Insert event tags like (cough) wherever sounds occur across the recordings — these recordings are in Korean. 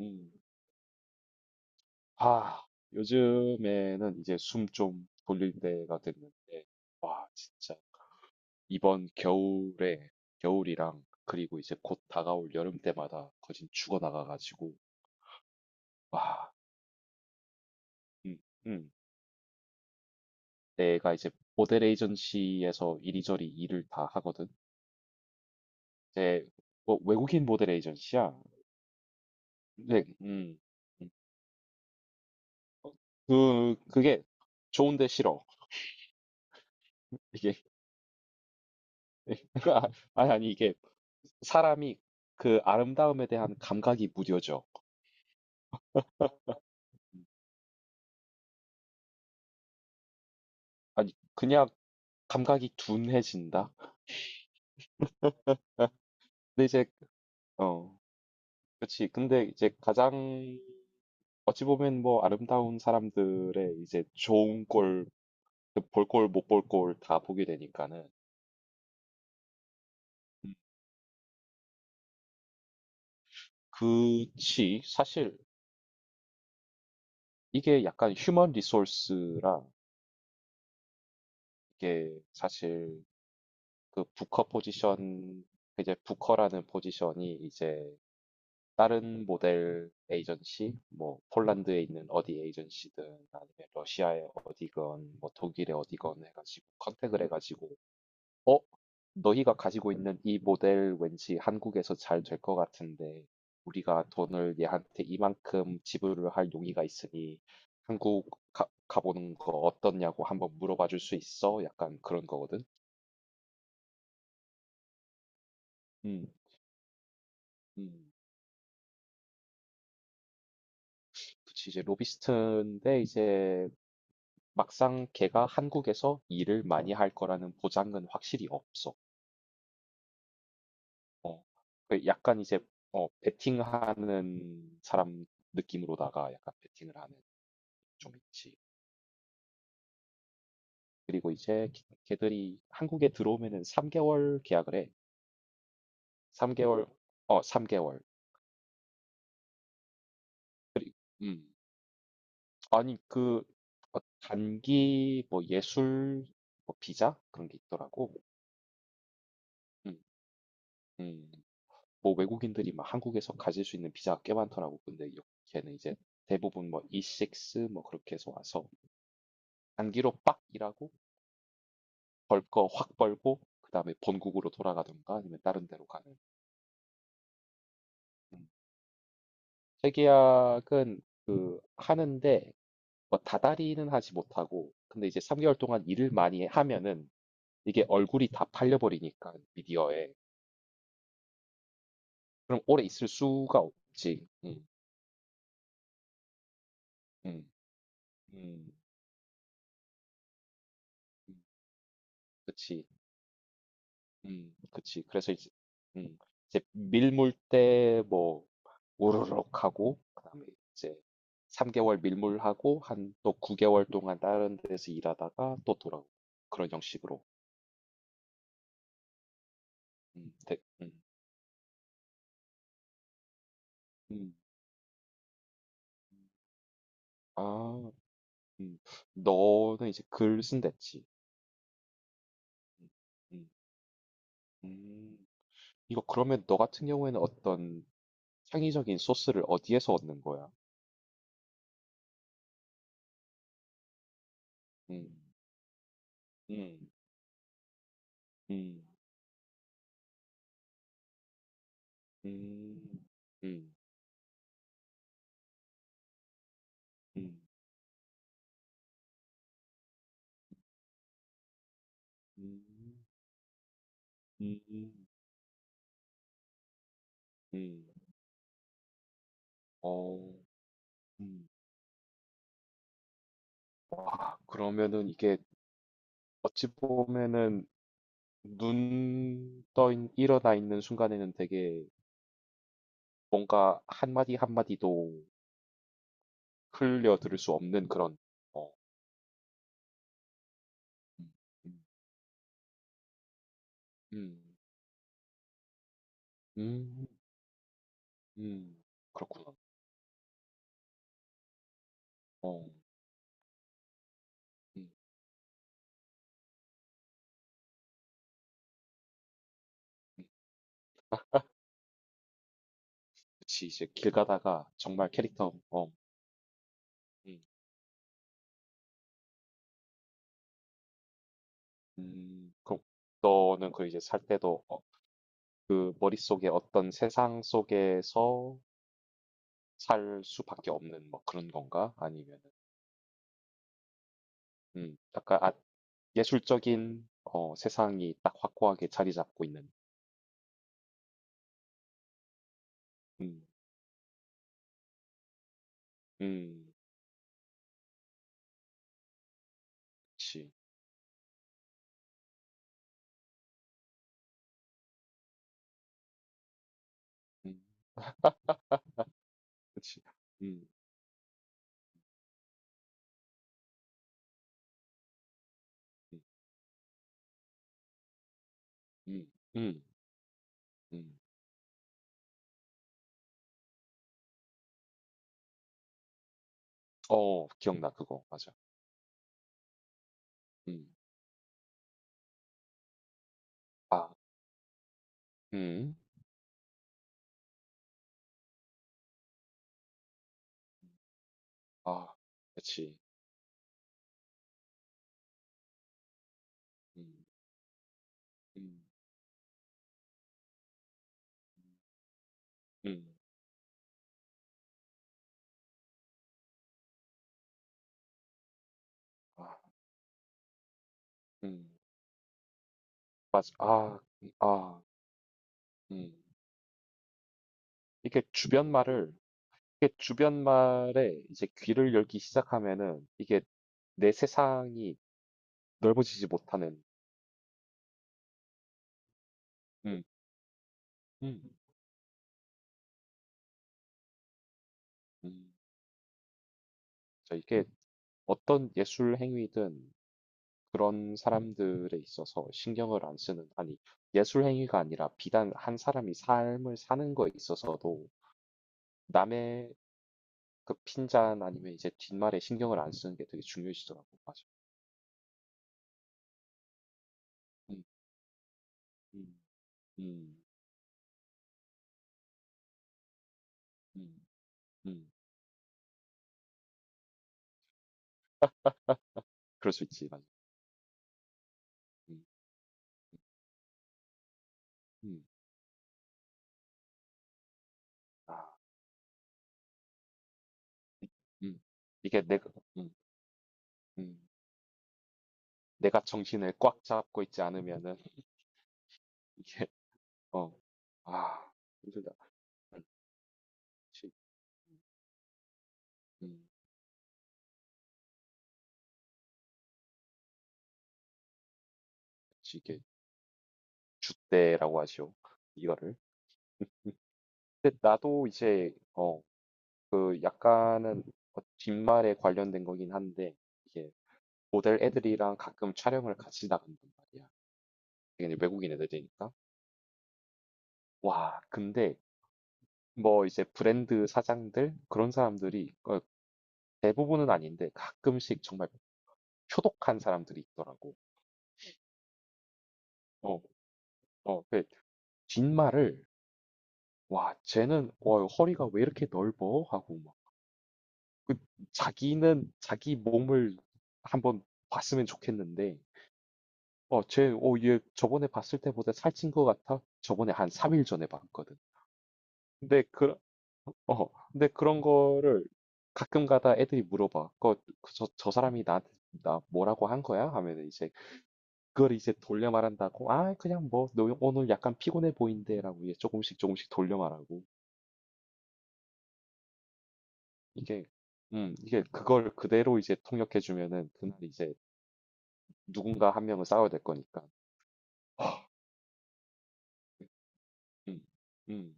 음. 아, 요즘에는 이제 숨 좀 돌릴 때가 됐는데, 와, 진짜 이번 겨울에 겨울이랑 그리고 이제 곧 다가올 여름 때마다 거진 죽어나가가지고, 와, 음, 음. 내가 이제 모델 에이전시에서 이리저리 일을 다 하거든. 이제 뭐 외국인 모델 에이전시야. 근데 음. 어, 그게 좋은데 싫어. 이게 (laughs) 아니 아니 이게 사람이 그 아름다움에 대한 감각이 무뎌져. 아니, 그냥 감각이 둔해진다. 근데 이제, 어, 그렇지. 근데 이제 가장, 어찌 보면 뭐 아름다운 사람들의 이제 좋은 꼴, 그볼 꼴, 못 볼 꼴 다 보게 되니까는. 음, 그치. 사실 이게 약간 휴먼 리소스랑 이게 사실 그 부커 포지션, 이제 부커라는 포지션이 이제 다른 모델 에이전시, 뭐 폴란드에 있는 어디 에이전시든 아니면 러시아의 어디건 뭐 독일의 어디건 해가지고 컨택을 해가지고 어? 너희가 가지고 있는 이 모델 왠지 한국에서 잘 될 것 같은데 우리가 돈을 얘한테 이만큼 지불을 할 용의가 있으니 한국 가, 가보는 거 어떻냐고 한번 물어봐 줄 수 있어? 약간 그런 거거든. 음, 음. 그치, 이제 로비스트인데 이제 막상 걔가 한국에서 일을 많이 할 거라는 보장은 확실히 없어. 어, 그 약간 이제 베팅하는 사람 느낌으로다가 약간 베팅을 하는 좀 있지. 그리고 이제 걔들이 한국에 들어오면은 3개월 계약을 해. 3개월, 어, 3개월. 그리, 음, 아니 그 단기 뭐 예술 뭐 비자 그런 게 있더라고. 음, 음. 뭐 외국인들이 막 한국에서 가질 수 있는 비자가 꽤 많더라고. 근데 여기에는 이제 대부분 뭐 E6 뭐 그렇게 해서 와서 단기로 빡 일하고 벌 거 확 벌고 그다음에 본국으로 돌아가던가 아니면 다른 데로 가는. 음. 재계약은 그 하는데 뭐 다달이는 하지 못하고 근데 이제 3개월 동안 일을 많이 하면은 이게 얼굴이 다 팔려버리니까 미디어에 그럼 오래 있을 수가 없지. 음, 음, 음. 그치. 그치. 그래서 이제, 음, 이제 밀물 때 뭐, 우르륵 하고, 그다음에 이제 3개월 밀물하고, 한 또 9개월 동안 다른 데서 일하다가 또 돌아오고. 그런 형식으로. 음, 대, 음, 음. 아, 음. 너는 이제 글 쓴댔지. 음, 음, 음. 이거 그러면 너 같은 경우에는 어떤 창의적인 소스를 어디에서 얻는 거야? 음, 음, 음, 음, 음, 음. 음. 음. 음. 어. 음. 와, 그러면은 이게 어찌 보면은 눈 떠 일어나 있는 순간에는 되게 뭔가 한마디 한마디도 흘려 들을 수 없는 그런 어. 음. 음. 음. 음. 음. 그렇구나. 어. 음. 음. 그치. 이제 길 가다가 정말 캐릭터 어. 음. 음. 그럼 너는 그 이제 살 때도 그 머릿속에 어떤 세상 속에서 살 수밖에 없는 뭐 그런 건가? 아니면 음, 약간 아- 예술적인 세상이 딱 확고하게 자리 잡고 있는. 음, 음, 그치, 음, 그치, 음, 음, 음, 음, 음. 어, 기억나 그거 맞아, 음, 아, 음, 아, 그치, 음, 음, 음, 음. 아, 음, 맞아, 아, 아, 음, 이게 주변 말을, 이게 주변 말에 이제 귀를 열기 시작하면은 이게 내 세상이 넓어지지 못하는. 음, 음, 음, 저 이게 어떤 예술 행위든 그런 사람들에 있어서 신경을 안 쓰는, 아니 예술 행위가 아니라 비단 한 사람이 삶을 사는 거에 있어서도 남의 그 핀잔 아니면 이제 뒷말에 신경을 안 쓰는 게 되게 중요해지더라고. 맞아. 음, 음, 음, 음, 음. 그럴 수 있지. 맞아. 음, 음. 아. 음. 이게 내가 음. 음. 내가 정신을 꽉 잡고 있지 않으면은 (laughs) 이게 어. 아, 힘들다. 그렇지. 음. 그렇지. 이게 줏대라고 하죠. 이거를. 음. 근데 나도 이제 그 약간은 뒷말에 관련된 거긴 한데 이게 모델 애들이랑 가끔 촬영을 같이 나간단 말이야. 당연히 외국인 애들이니까. 와, 근데 뭐 이제 브랜드 사장들 그런 사람들이 대부분은 아닌데 가끔씩 정말 표독한 사람들이 있더라고. 어, 그 뒷말을 와, 쟤는 와, 허리가 왜 이렇게 넓어? 하고 막. 그 자기는 자기 몸을 한번 봤으면 좋겠는데 얘 저번에 봤을 때보다 살찐 것 같아. 저번에 한 3일 전에 봤거든. 근데 그 근데 그런 거를 가끔 가다 애들이 물어봐. 그 저 사람이 나한테 나 뭐라고 한 거야? 하면 이제 그걸 이제 돌려 말한다고, 아, 그냥 뭐, 너 오늘 약간 피곤해 보인대라고 이제 조금씩 조금씩 돌려 말하고, 이게, 이게 그걸 그대로 이제 통역해주면은 그날 이제 누군가 한 명은 싸워야 될 거니까. 음, 음,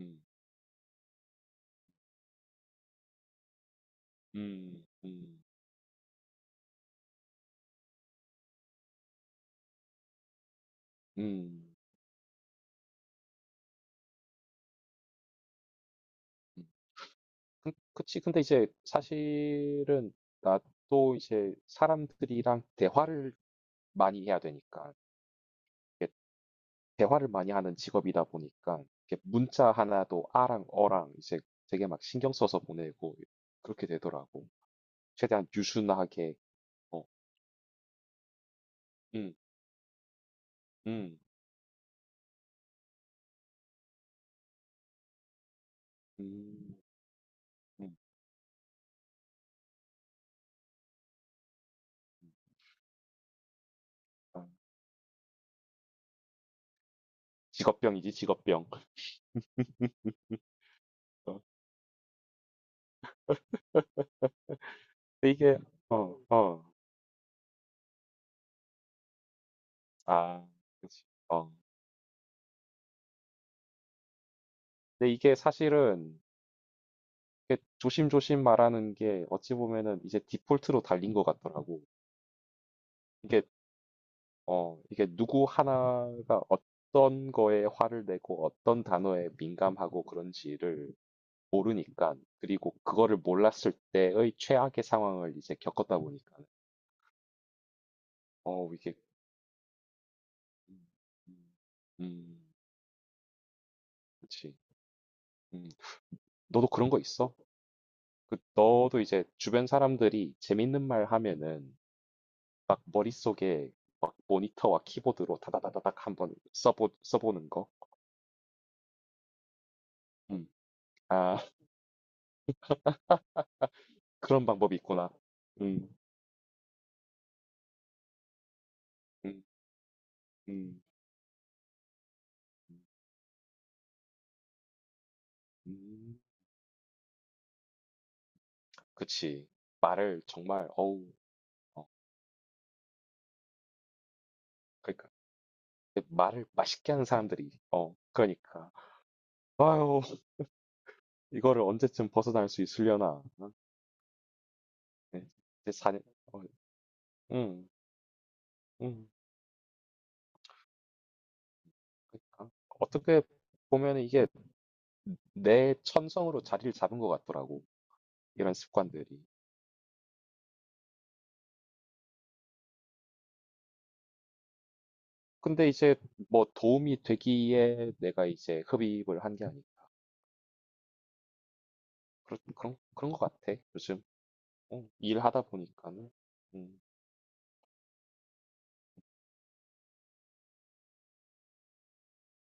음, 음, 음, 음. 음. 그치. 근데 이제 사실은 나도 이제 사람들이랑 대화를 많이 해야 되니까. 대화를 많이 하는 직업이다 보니까 이렇게 문자 하나도 아랑 어랑 이제 되게 막 신경 써서 보내고 그렇게 되더라고. 최대한 유순하게 어. 음, 음, 음, 음, 음. 아, 직업병이지 직업병. (laughs) 어, 근데 이게 어, 어, 아, 그렇지. 어. 근데 이게 사실은 이렇게 조심조심 말하는 게 어찌 보면은 이제 디폴트로 달린 것 같더라고. 이게 이게 누구 하나가 어떤 거에 화를 내고 어떤 단어에 민감하고 그런지를 모르니까, 그리고 그거를 몰랐을 때의 최악의 상황을 이제 겪었다 보니까, 어, 이게, 음, 음, 음, 그치. 음, 너도 그런 거 있어? 그, 너도 이제 주변 사람들이 재밌는 말 하면은 막 머릿속에 막 모니터와 키보드로 다다다다닥 한번 써보는 거? 음, 아, (laughs) 그런 방법이 있구나. 음, 음, 음. 음. 그치. 말을 정말 어우 어 그러니까 그 말을 맛있게 하는 사람들이 어 그러니까 아유 이거를 언제쯤 벗어날 수 있으려나 어? 네, 이제 4년 어음음 그러니까 어떻게 보면 이게 내 천성으로 자리를 잡은 것 같더라고. 이런 습관들이. 근데 이제 뭐 도움이 되기에 내가 이제 흡입을 한 게 아니고 그런 것 같아 요즘. 어, 일하다 보니까는. 음,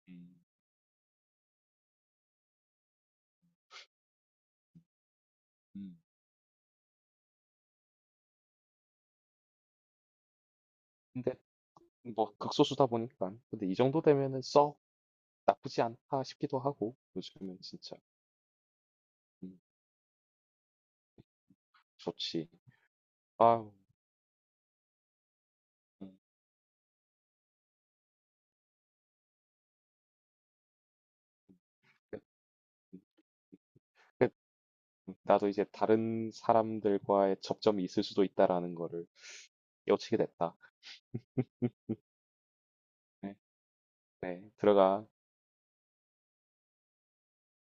음, 음. 근데 뭐 극소수다 보니까 근데 이 정도 되면은 썩 나쁘지 않다 싶기도 하고 요즘은 진짜. 음, 좋지. 아유, 음, 그- 그- 나도 이제 다른 사람들과의 접점이 있을 수도 있다라는 거를 깨우치게 됐다. 네, 네, 들어가.